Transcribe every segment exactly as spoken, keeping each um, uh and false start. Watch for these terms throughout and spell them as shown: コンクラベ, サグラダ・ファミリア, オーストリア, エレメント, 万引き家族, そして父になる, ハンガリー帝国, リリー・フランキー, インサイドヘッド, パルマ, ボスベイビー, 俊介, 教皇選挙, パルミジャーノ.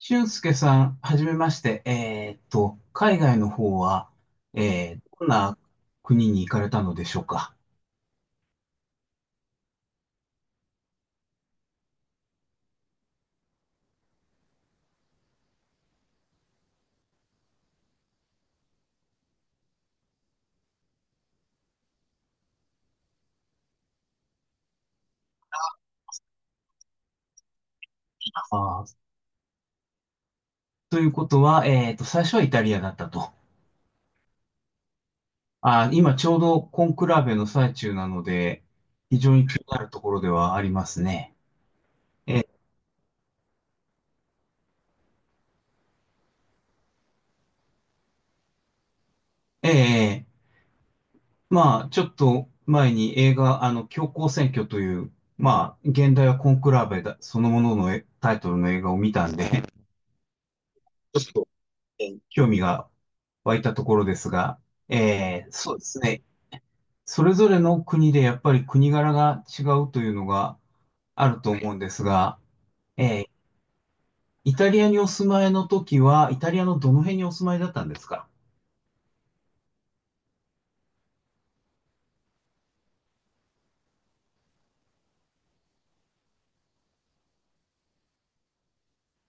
俊介さん、はじめまして。えーっと、海外の方は、えーどんな国に行かれたのでしょうか。あーということは、えーっと、最初はイタリアだったと。あー、今ちょうどコンクラベの最中なので、非常に気になるところではありますね。ええ。まあ、ちょっと前に映画、あの、教皇選挙という、まあ、現代はコンクラベだ、そのもののえタイトルの映画を見たんで、ちょっえー興味が湧いたところですが、えーそうですね。それぞれの国でやっぱり国柄が違うというのがあると思うんですが、えーイタリアにお住まいの時は、イタリアのどの辺にお住まいだったんですか？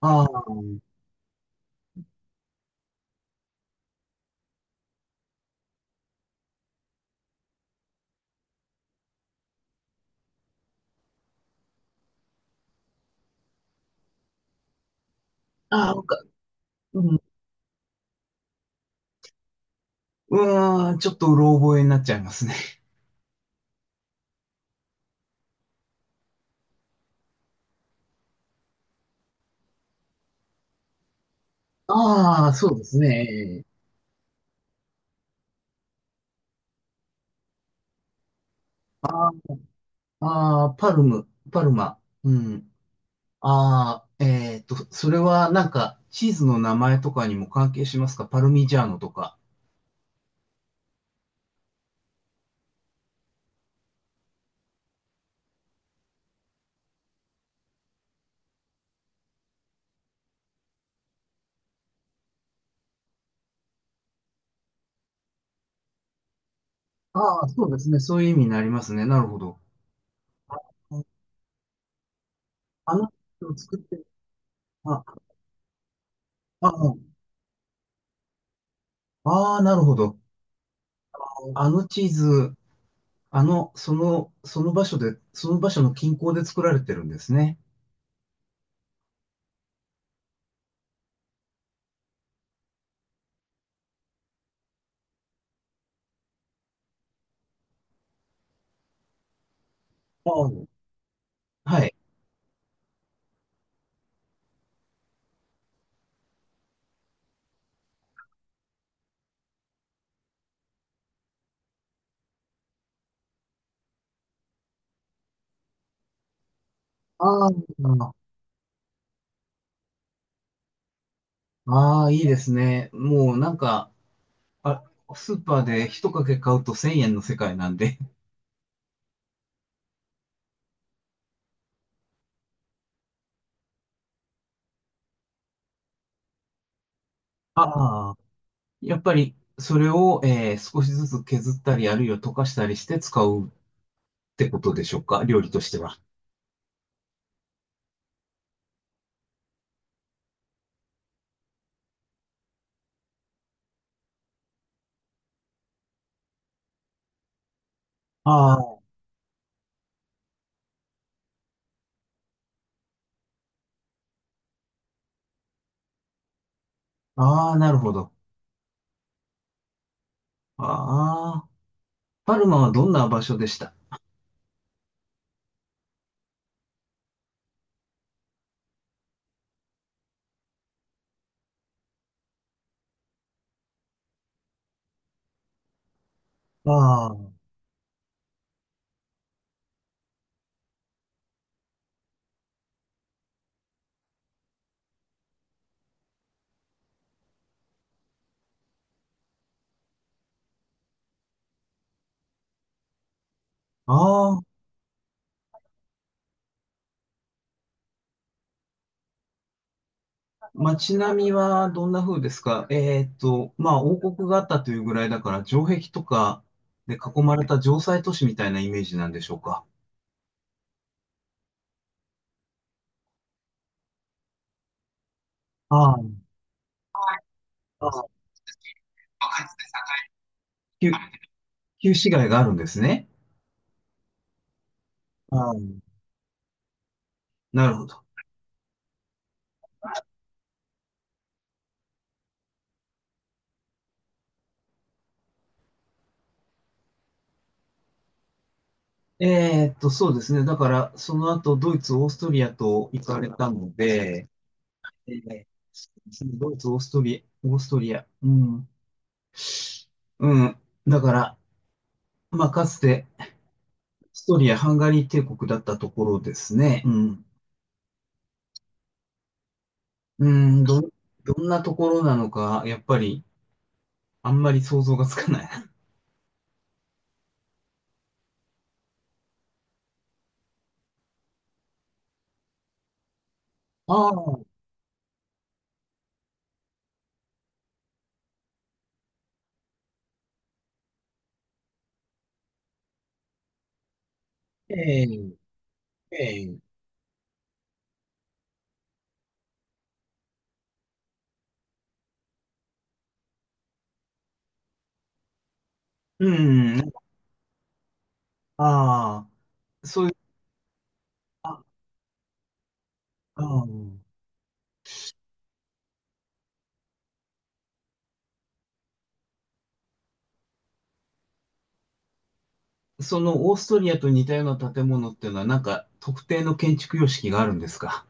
ああ。ああ、わかうん、うーん、ちょっとうろ覚えになっちゃいますね。ああ、そうですね。ああ、パルム、パルマ。うん。ああ、えっと、それはなんか、チーズの名前とかにも関係しますか？パルミジャーノとか。ああ、そうですね。そういう意味になりますね。なるほど。あのチーズを作ってる。あ、あ、ああ、なるほど。あのチーズ、あの、その、その場所で、その場所の近郊で作られてるんですね。ああ、はい。ああ、ああ、いいですね。もうなんか、あ、スーパーで一かけ買うとせんえんの世界なんで。ああ。やっぱり、それを、えー少しずつ削ったり、あるいは溶かしたりして使うってことでしょうか？料理としては。ああ、ああ、なるほど。ああ、パルマはどんな場所でした？ああ、ああ、街並みはどんな風ですか？えーっと、まあ、王国があったというぐらいだから、城壁とかで囲まれた城塞都市みたいなイメージなんでしょうか？ああ、ああ。旧、旧市街があるんですね。ああ、なるほど。えーっと、そうですね。だから、その後、ドイツ、オーストリアと行かれたので、えードイツ、オーストリア、オーストリア、うん、うん。だから、まあ、かつて、オーストリア、ハンガリー帝国だったところですね。うん。うん、ど、どんなところなのか、やっぱり、あんまり想像がつかない。ああ、ええ。ええ。うん、ああ、そういう、ああ。そのオーストリアと似たような建物っていうのは、なんか特定の建築様式があるんですか？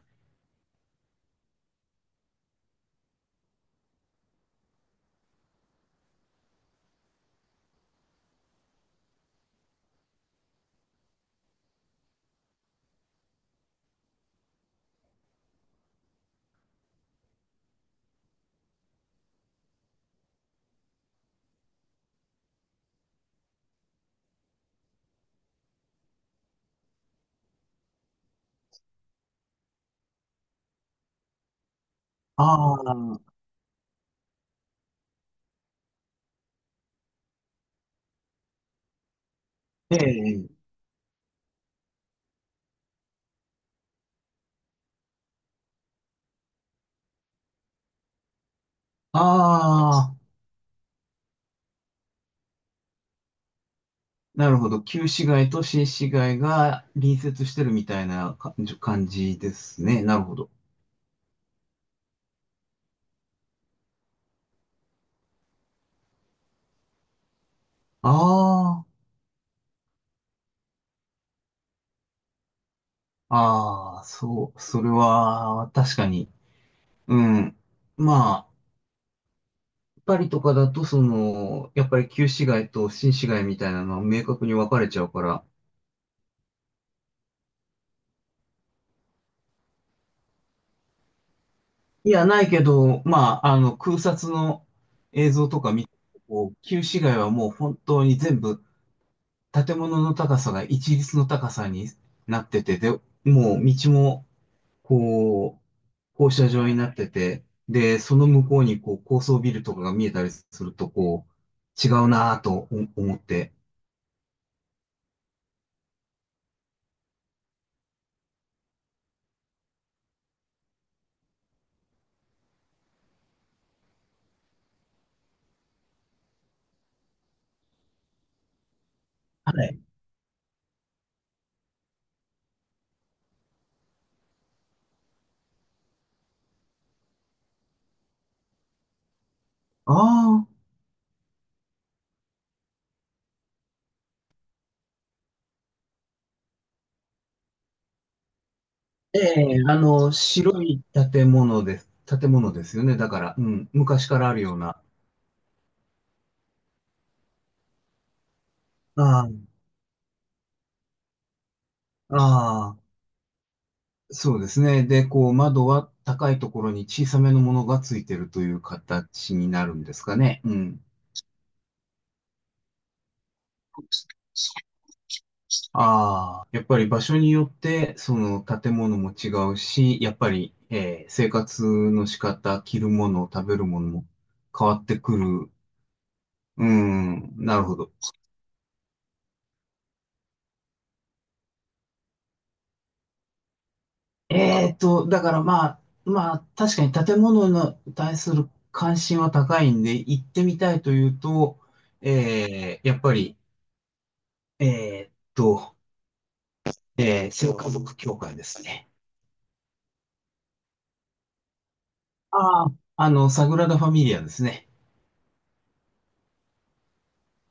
ああ、ええ、ああ、なるほど。旧市街と新市街が隣接してるみたいなか感じですね。なるほど。ああ、ああ、そう、それは確かに。うん。まあ、パリとかだと、その、やっぱり旧市街と新市街みたいなのは明確に分かれちゃうから。いや、ないけど、まあ、あの、空撮の映像とか見て、こう、旧市街はもう本当に全部建物の高さが一律の高さになってて、で、もう道も、こう、放射状になってて、で、その向こうにこう高層ビルとかが見えたりすると、こう、違うなぁと思思って。はい。ああ、ええ、あの、白い建物です。建物ですよね。だから、うん、昔からあるような。ああ、ああ。そうですね。で、こう、窓は高いところに小さめのものがついてるという形になるんですかね。うん。ああ、やっぱり場所によって、その建物も違うし、やっぱり、えー生活の仕方、着るもの、食べるものも変わってくる。うん、なるほど。えーと、だからまあ、まあ、確かに建物に対する関心は高いんで、行ってみたいというと、えーやっぱり、えーっと、えー、聖家族教会ですね。ああ、あの、サグラダ・ファミリアですね。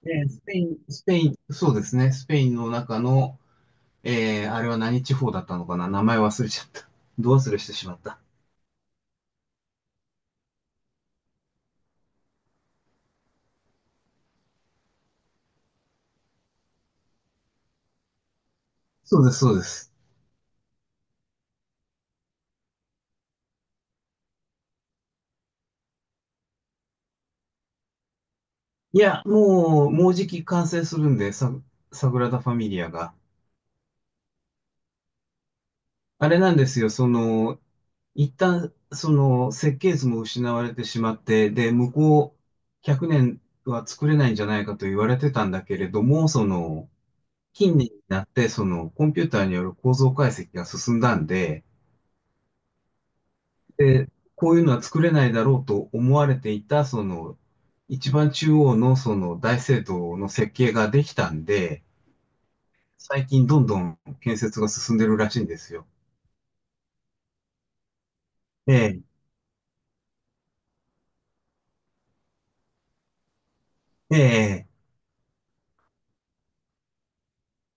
ね、スペイン、スペイン、そうですね。スペインの中の、えー、あれは何地方だったのかな？名前忘れちゃった。ど忘れしてしまった。そうです、そうです。いや、もう、もうじき完成するんで、サ、サグラダ・ファミリアが。あれなんですよ、その、一旦、その、設計図も失われてしまって、で、向こうひゃくねんは作れないんじゃないかと言われてたんだけれども、その、近年になって、そのコンピューターによる構造解析が進んだんで、で、こういうのは作れないだろうと思われていた、その、一番中央のその大聖堂の設計ができたんで、最近どんどん建設が進んでるらしいんですよ。ええ、ええ。